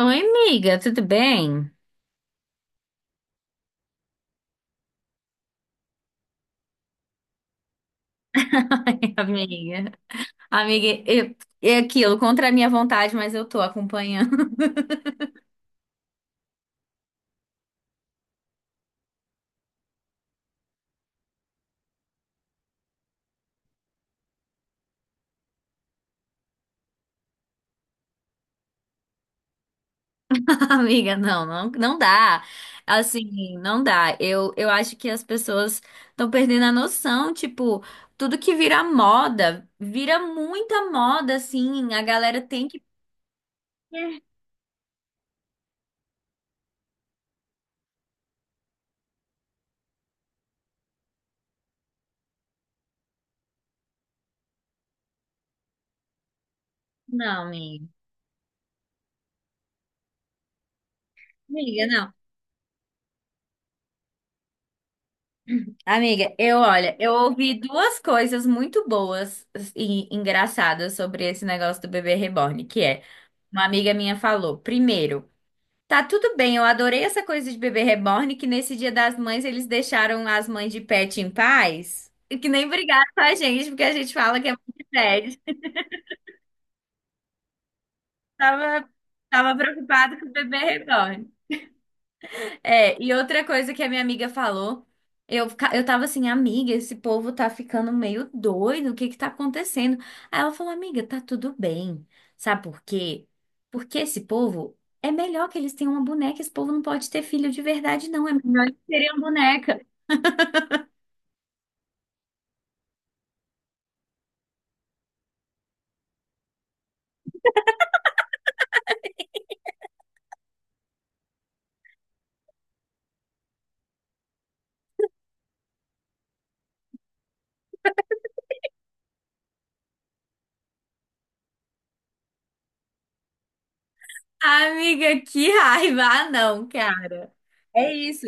Oi, amiga, tudo bem? Ai, amiga. Amiga, é aquilo, contra a minha vontade, mas eu tô acompanhando. Amiga, não, não, não dá. Assim, não dá. Eu acho que as pessoas estão perdendo a noção, tipo, tudo que vira moda, vira muita moda, assim, a galera tem que... Não, amiga. Amiga, não. Amiga, olha, eu ouvi duas coisas muito boas e engraçadas sobre esse negócio do bebê reborn, que é. Uma amiga minha falou: primeiro, tá tudo bem, eu adorei essa coisa de bebê reborn, que nesse Dia das Mães eles deixaram as mães de pet em paz, e que nem brigaram com a gente, porque a gente fala que é mãe de pet. Tava, tava preocupado com o bebê reborn. É, e outra coisa que a minha amiga falou, eu tava assim, amiga, esse povo tá ficando meio doido, o que que tá acontecendo? Aí ela falou, amiga, tá tudo bem. Sabe por quê? Porque esse povo, é melhor que eles tenham uma boneca, esse povo não pode ter filho de verdade, não, é melhor eles terem uma boneca. Amiga, que raiva! Ah, não, cara. É isso.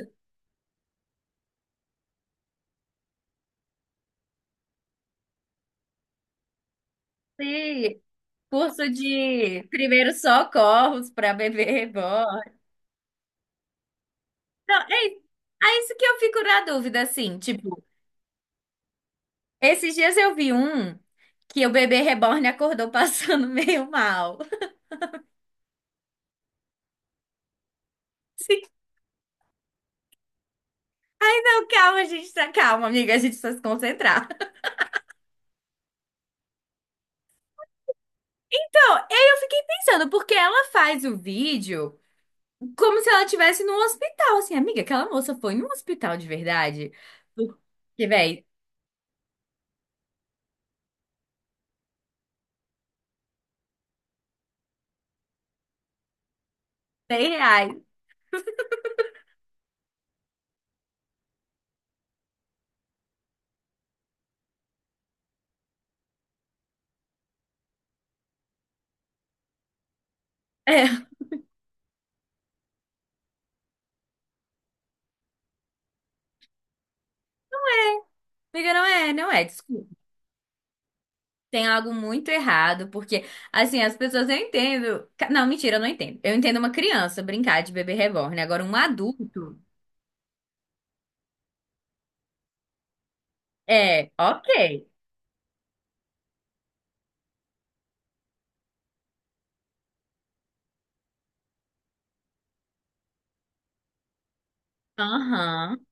Sim, curso de primeiros socorros pra bebê reborn. Não, é isso. É isso que eu fico na dúvida, assim, tipo. Esses dias eu vi um que o bebê reborn acordou passando meio mal. Sim, não, calma, gente, tá calma, amiga, a gente precisa se concentrar. Então, eu fiquei pensando, porque ela faz o vídeo como se ela estivesse num hospital, assim, amiga, aquela moça foi num hospital de verdade? Porque, véi, 100 reais. É, amiga, não é, não é, desculpa. Tem algo muito errado, porque, assim, as pessoas eu entendo. Não, mentira, eu não entendo. Eu entendo uma criança brincar de bebê reborn, agora um adulto. É, ok. Aham.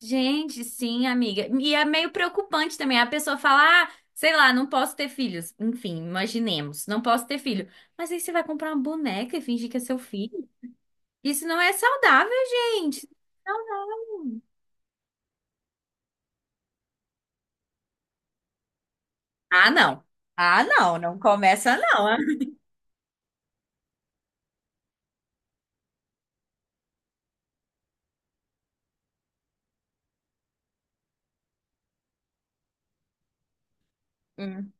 Gente, sim, amiga. E é meio preocupante também. A pessoa fala, ah, sei lá, não posso ter filhos. Enfim, imaginemos, não posso ter filho. Mas aí você vai comprar uma boneca e fingir que é seu filho? Isso não é saudável, gente. Não. Ah, não. Ah, não, não começa não. ah. Hum.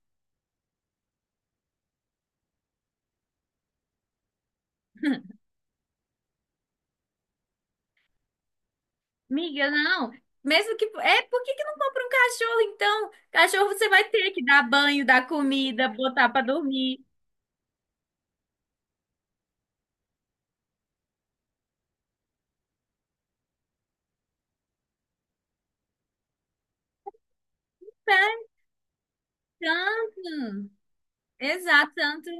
Amiga, não. Mesmo que. É, por que que não compra um cachorro, então? Cachorro você vai ter que dar banho, dar comida, botar pra dormir. Pera, cansa. Exato, tanto.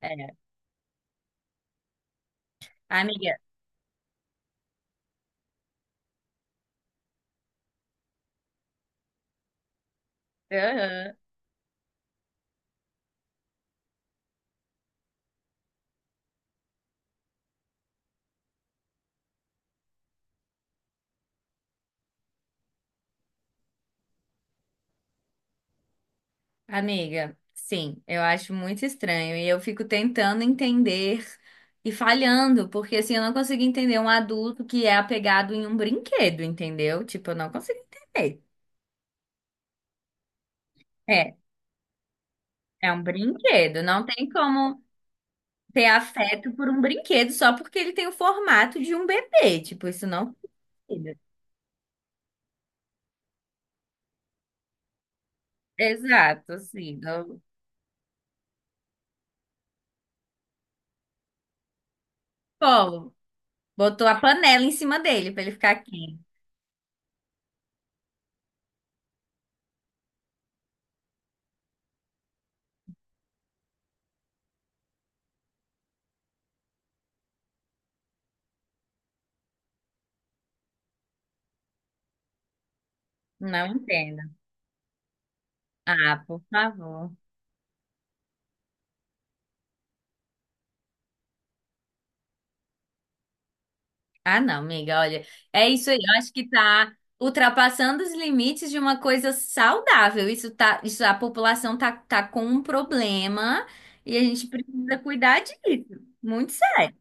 É, amiga. Aham. Amiga, sim, eu acho muito estranho e eu fico tentando entender e falhando, porque assim, eu não consigo entender um adulto que é apegado em um brinquedo, entendeu? Tipo, eu não consigo entender. É, é um brinquedo, não tem como ter afeto por um brinquedo só porque ele tem o formato de um bebê, tipo, isso não precisa. Exato, assim, no polo, botou a panela em cima dele pra ele ficar quente. Não entendo. Ah, por favor. Ah, não, amiga, olha, é isso aí. Eu acho que tá ultrapassando os limites de uma coisa saudável. Isso tá, isso a população tá com um problema e a gente precisa cuidar disso. Muito sério.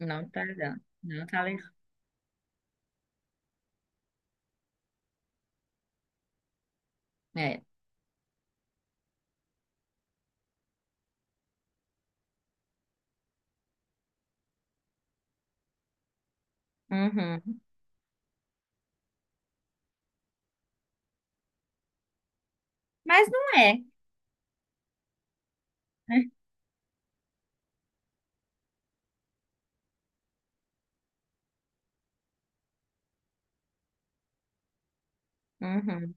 Não tá dando. Não tá legal. É. Uhum. Mas não é. Né? Uhum.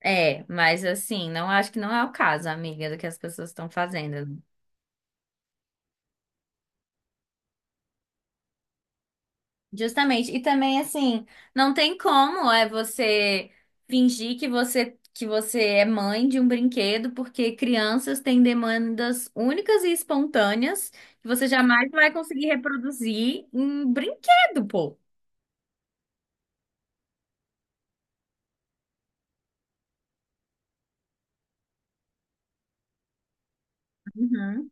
É, mas assim, não acho que não é o caso, amiga, do que as pessoas estão fazendo. Justamente. E também assim, não tem como é você fingir que você é mãe de um brinquedo, porque crianças têm demandas únicas e espontâneas que você jamais vai conseguir reproduzir em brinquedo, pô. Uhum.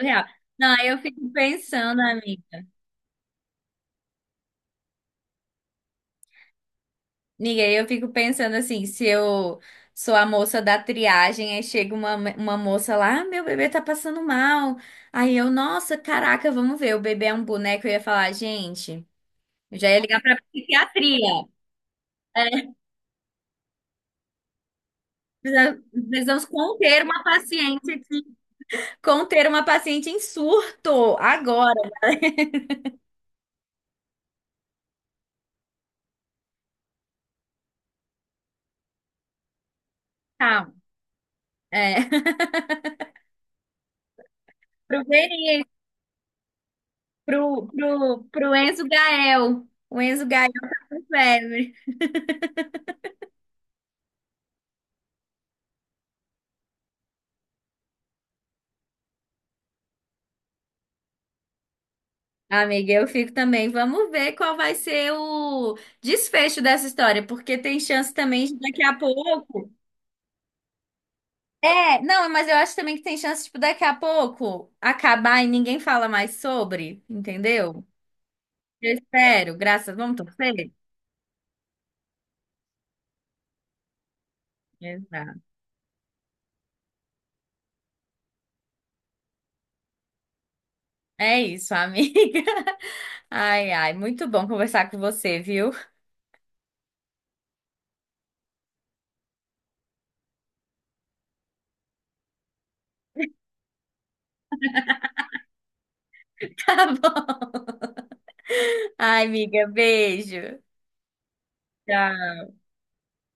Real. Não, aí eu fico pensando, amiga. E eu fico pensando assim, se eu sou a moça da triagem, aí chega uma moça lá, ah, meu bebê tá passando mal. Aí eu, nossa, caraca, vamos ver, o bebê é um boneco. Eu ia falar, gente, eu já ia ligar pra psiquiatria. É, precisa- precisamos conter uma paciente em surto agora, tá? É, pro, Veri- pro, pro, pro Enzo Gael, o Enzo Gael é um febre. Amiga, eu fico também. Vamos ver qual vai ser o desfecho dessa história, porque tem chance também de daqui a pouco. É, não, mas eu acho também que tem chance, tipo, daqui a pouco acabar e ninguém fala mais sobre, entendeu? Eu espero, graças, vamos torcer? Exato. É isso, amiga. Ai, ai, muito bom conversar com você, viu? Tá bom. Ai, amiga, beijo. Tchau.